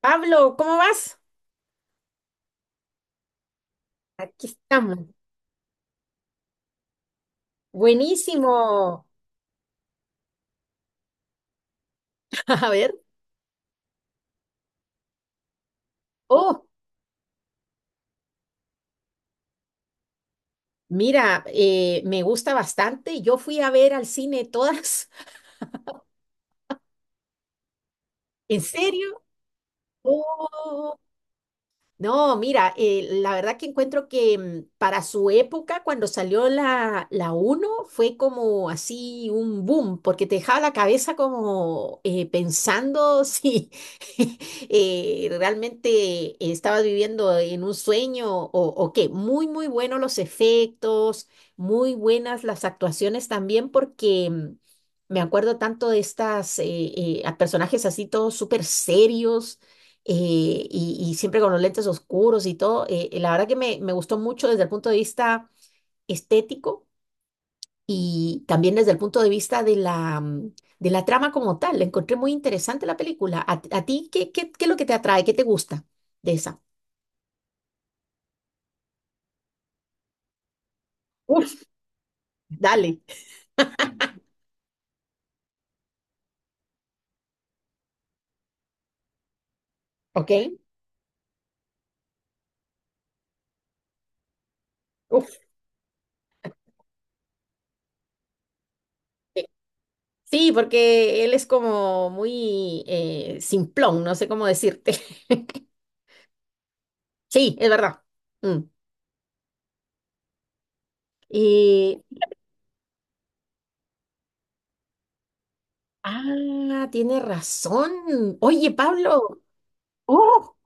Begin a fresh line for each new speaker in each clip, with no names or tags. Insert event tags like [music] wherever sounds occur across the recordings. Pablo, ¿cómo vas? Aquí estamos. Buenísimo. [laughs] A ver. Oh, mira, me gusta bastante. Yo fui a ver al cine todas. [laughs] ¿En serio? Oh, no, mira, la verdad que encuentro que para su época, cuando salió la uno fue como así un boom, porque te dejaba la cabeza como pensando si [laughs] realmente estabas viviendo en un sueño o qué. Muy, muy buenos los efectos, muy buenas las actuaciones también, porque me acuerdo tanto de estas a personajes así todos súper serios, y siempre con los lentes oscuros y todo. La verdad que Me gustó mucho desde el punto de vista estético y también desde el punto de vista de de la trama como tal. La encontré muy interesante la película. ¿A ti qué es lo que te atrae? ¿Qué te gusta de esa? Uf, dale. ¿Ok? Uf. Sí, porque él es como muy simplón, no sé cómo decirte. [laughs] Sí, es verdad. Mm. Y, ah, tiene razón. Oye, Pablo. Oh,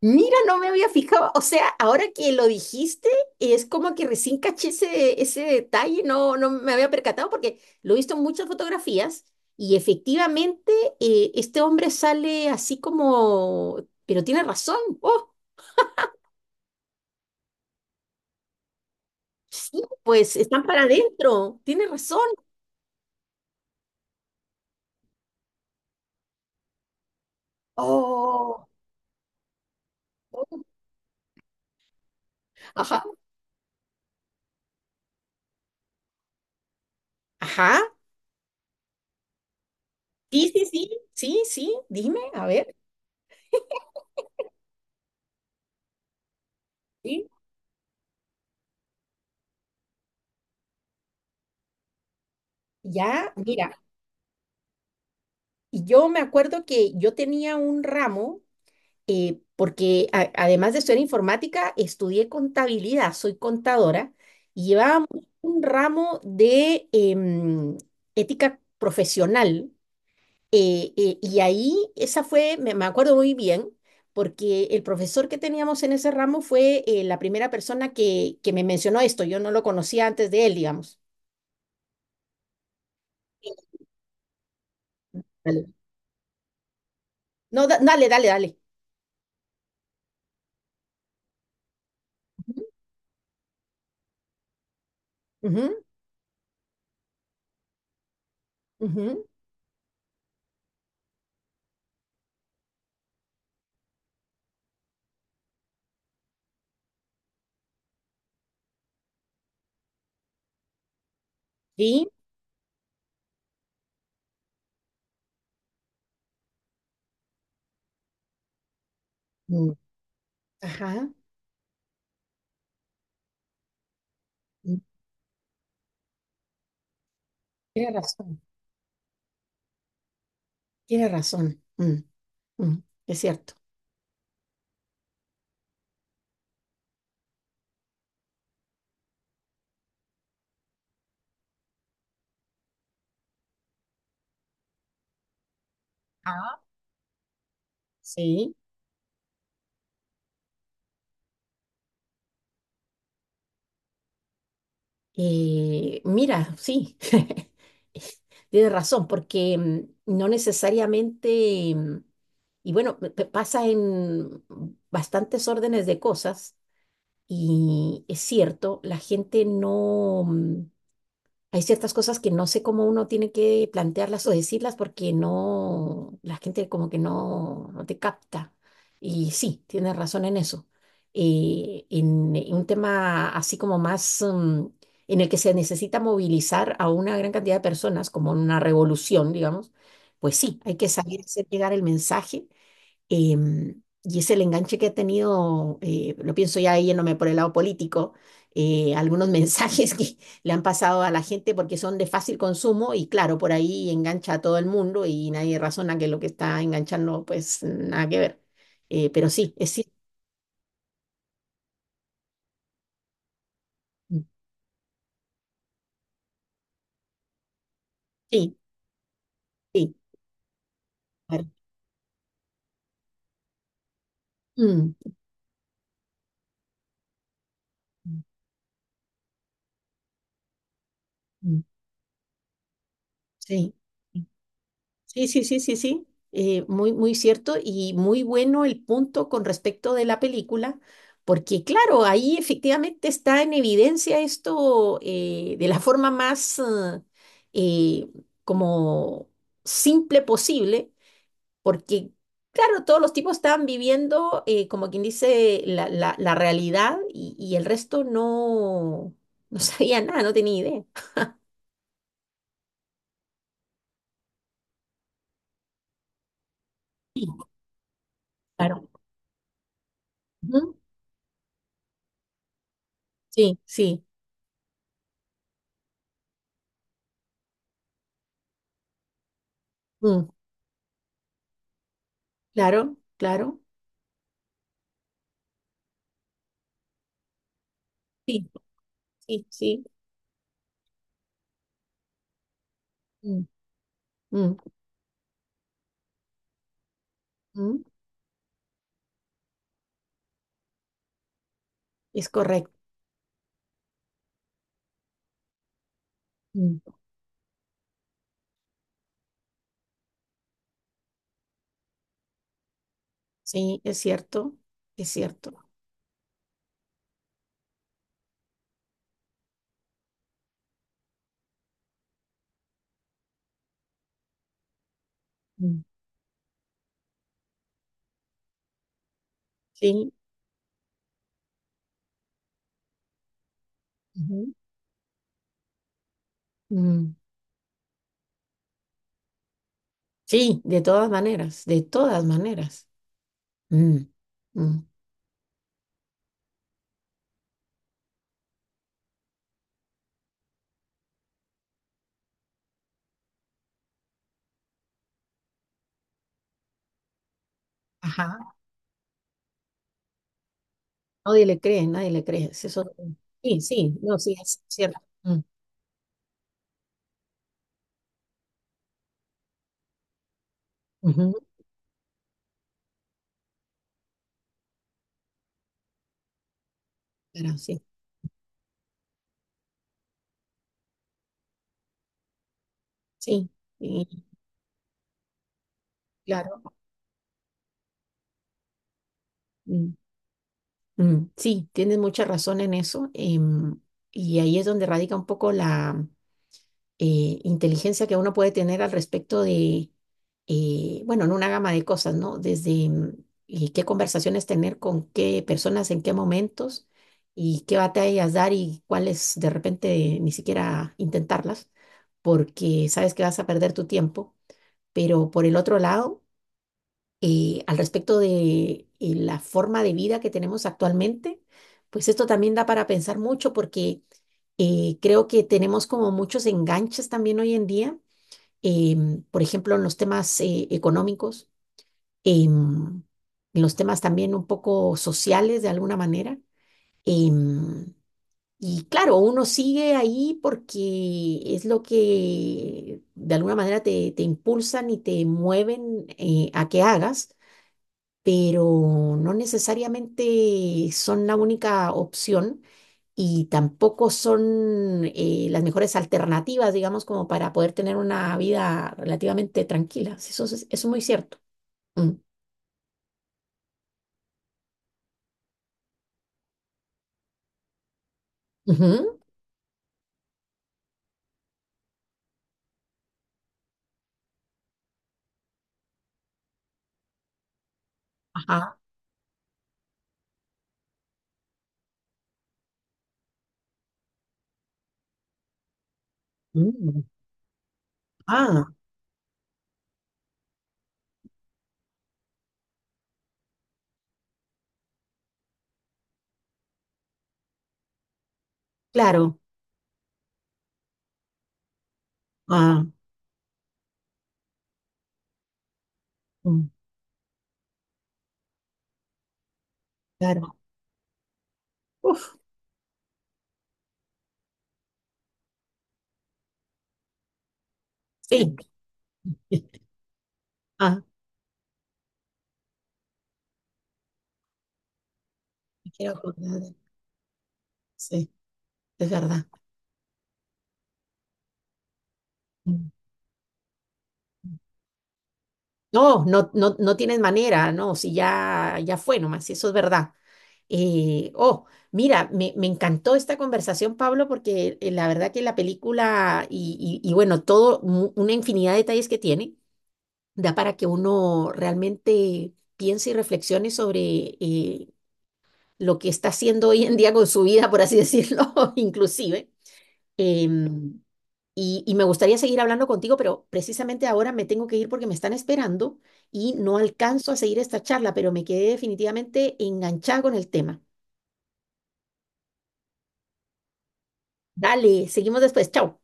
mira, no me había fijado. O sea, ahora que lo dijiste, es como que recién caché ese detalle, no me había percatado porque lo he visto en muchas fotografías y efectivamente este hombre sale así como, pero tiene razón. Oh, sí, pues están para adentro, tiene razón. Oh, oh, ajá, ajá. Sí, sí, sí, sí, sí, dime, a ver, sí, ya, mira. Y yo me acuerdo que yo tenía un ramo, porque además de estudiar informática, estudié contabilidad, soy contadora, y llevábamos un ramo de ética profesional. Y ahí esa fue, me acuerdo muy bien, porque el profesor que teníamos en ese ramo fue la primera persona que me mencionó esto. Yo no lo conocía antes de él, digamos. Dale. No, dale, dale, dale. Ujú, ujú, sí. Mm. Ajá. Tienes razón. Tiene razón. Mm, mm, es cierto. Ah. Sí. Mira, sí. [laughs] Tiene razón, porque no necesariamente. Y bueno, pasa en bastantes órdenes de cosas, y es cierto, la gente no. Hay ciertas cosas que no sé cómo uno tiene que plantearlas o decirlas, porque no, la gente como que no te capta. Y sí, tienes razón en eso. En un tema así como más en el que se necesita movilizar a una gran cantidad de personas, como una revolución, digamos, pues sí, hay que saber hacer llegar el mensaje. Em, y es el enganche que ha tenido, lo pienso ya yéndome por el lado político, algunos [laughs] mensajes que le han pasado a la gente, porque son de fácil consumo y claro, por ahí engancha a todo el mundo y nadie razona que lo que está enganchando pues nada que ver. Pero sí, es sí, sí, claro. Mm, mm, mm, sí. Sí, sí, sí, sí, sí. Muy, muy cierto y muy bueno el punto con respecto de la película, porque claro, ahí efectivamente está en evidencia esto, de la forma más eh, como simple posible, porque claro, todos los tipos estaban viviendo, como quien dice la realidad, y el resto no, no [laughs] sabía nada, no tenía idea. Sí, claro. Ujú, sí, sí. mm, claro, claro. Sí, sí, sí. Mm, mm, mm, es correcto. mm, Sí, es cierto. Es cierto. mm, Sí, ujú, mm. Sí, de todas maneras. De todas maneras. Mm, mm. Ajá. Nadie le cree, nadie le cree. Es eso, sí, sí, no, sí, es cierto. Mm, ujú, pero sí, sí, sí, claro. Mm, mm, sí, tienes mucha razón en eso. Em, y ahí es donde radica un poco la. Inteligencia que uno puede tener al respecto de, bueno, en una gama de cosas, ¿no? Desde y qué conversaciones tener con qué personas, en qué momentos y qué batallas dar y cuáles de repente ni siquiera intentarlas, porque sabes que vas a perder tu tiempo. Pero por el otro lado, al respecto de la forma de vida que tenemos actualmente, pues esto también da para pensar mucho porque creo que tenemos como muchos enganches también hoy en día. Em, por ejemplo, en los temas económicos, em, en los temas también un poco sociales de alguna manera. Em, y claro, uno sigue ahí porque es lo que de alguna manera te impulsan y te mueven a que hagas, pero no necesariamente son la única opción y tampoco son las mejores alternativas, digamos, como para poder tener una vida relativamente tranquila. Sí, eso es, eso es muy cierto. Mm. Ujú. Ajá. Mm. Ah, claro. Ah, mm, claro. Uf, sí. [laughs] Ah, me quiero acordar de- Sí, es verdad. Mm. No, no, no, no tienes manera, no, si ya, ya fue nomás, si eso es verdad. Oh, mira, me encantó esta conversación, Pablo, porque la verdad que la película y bueno, todo, una infinidad de detalles que tiene, da para que uno realmente piense y reflexione sobre lo que está haciendo hoy en día con su vida, por así decirlo, [laughs] inclusive. Em, y me gustaría seguir hablando contigo, pero precisamente ahora me tengo que ir porque me están esperando y no alcanzo a seguir esta charla, pero me quedé definitivamente enganchada con el tema. Dale, seguimos después. Chao.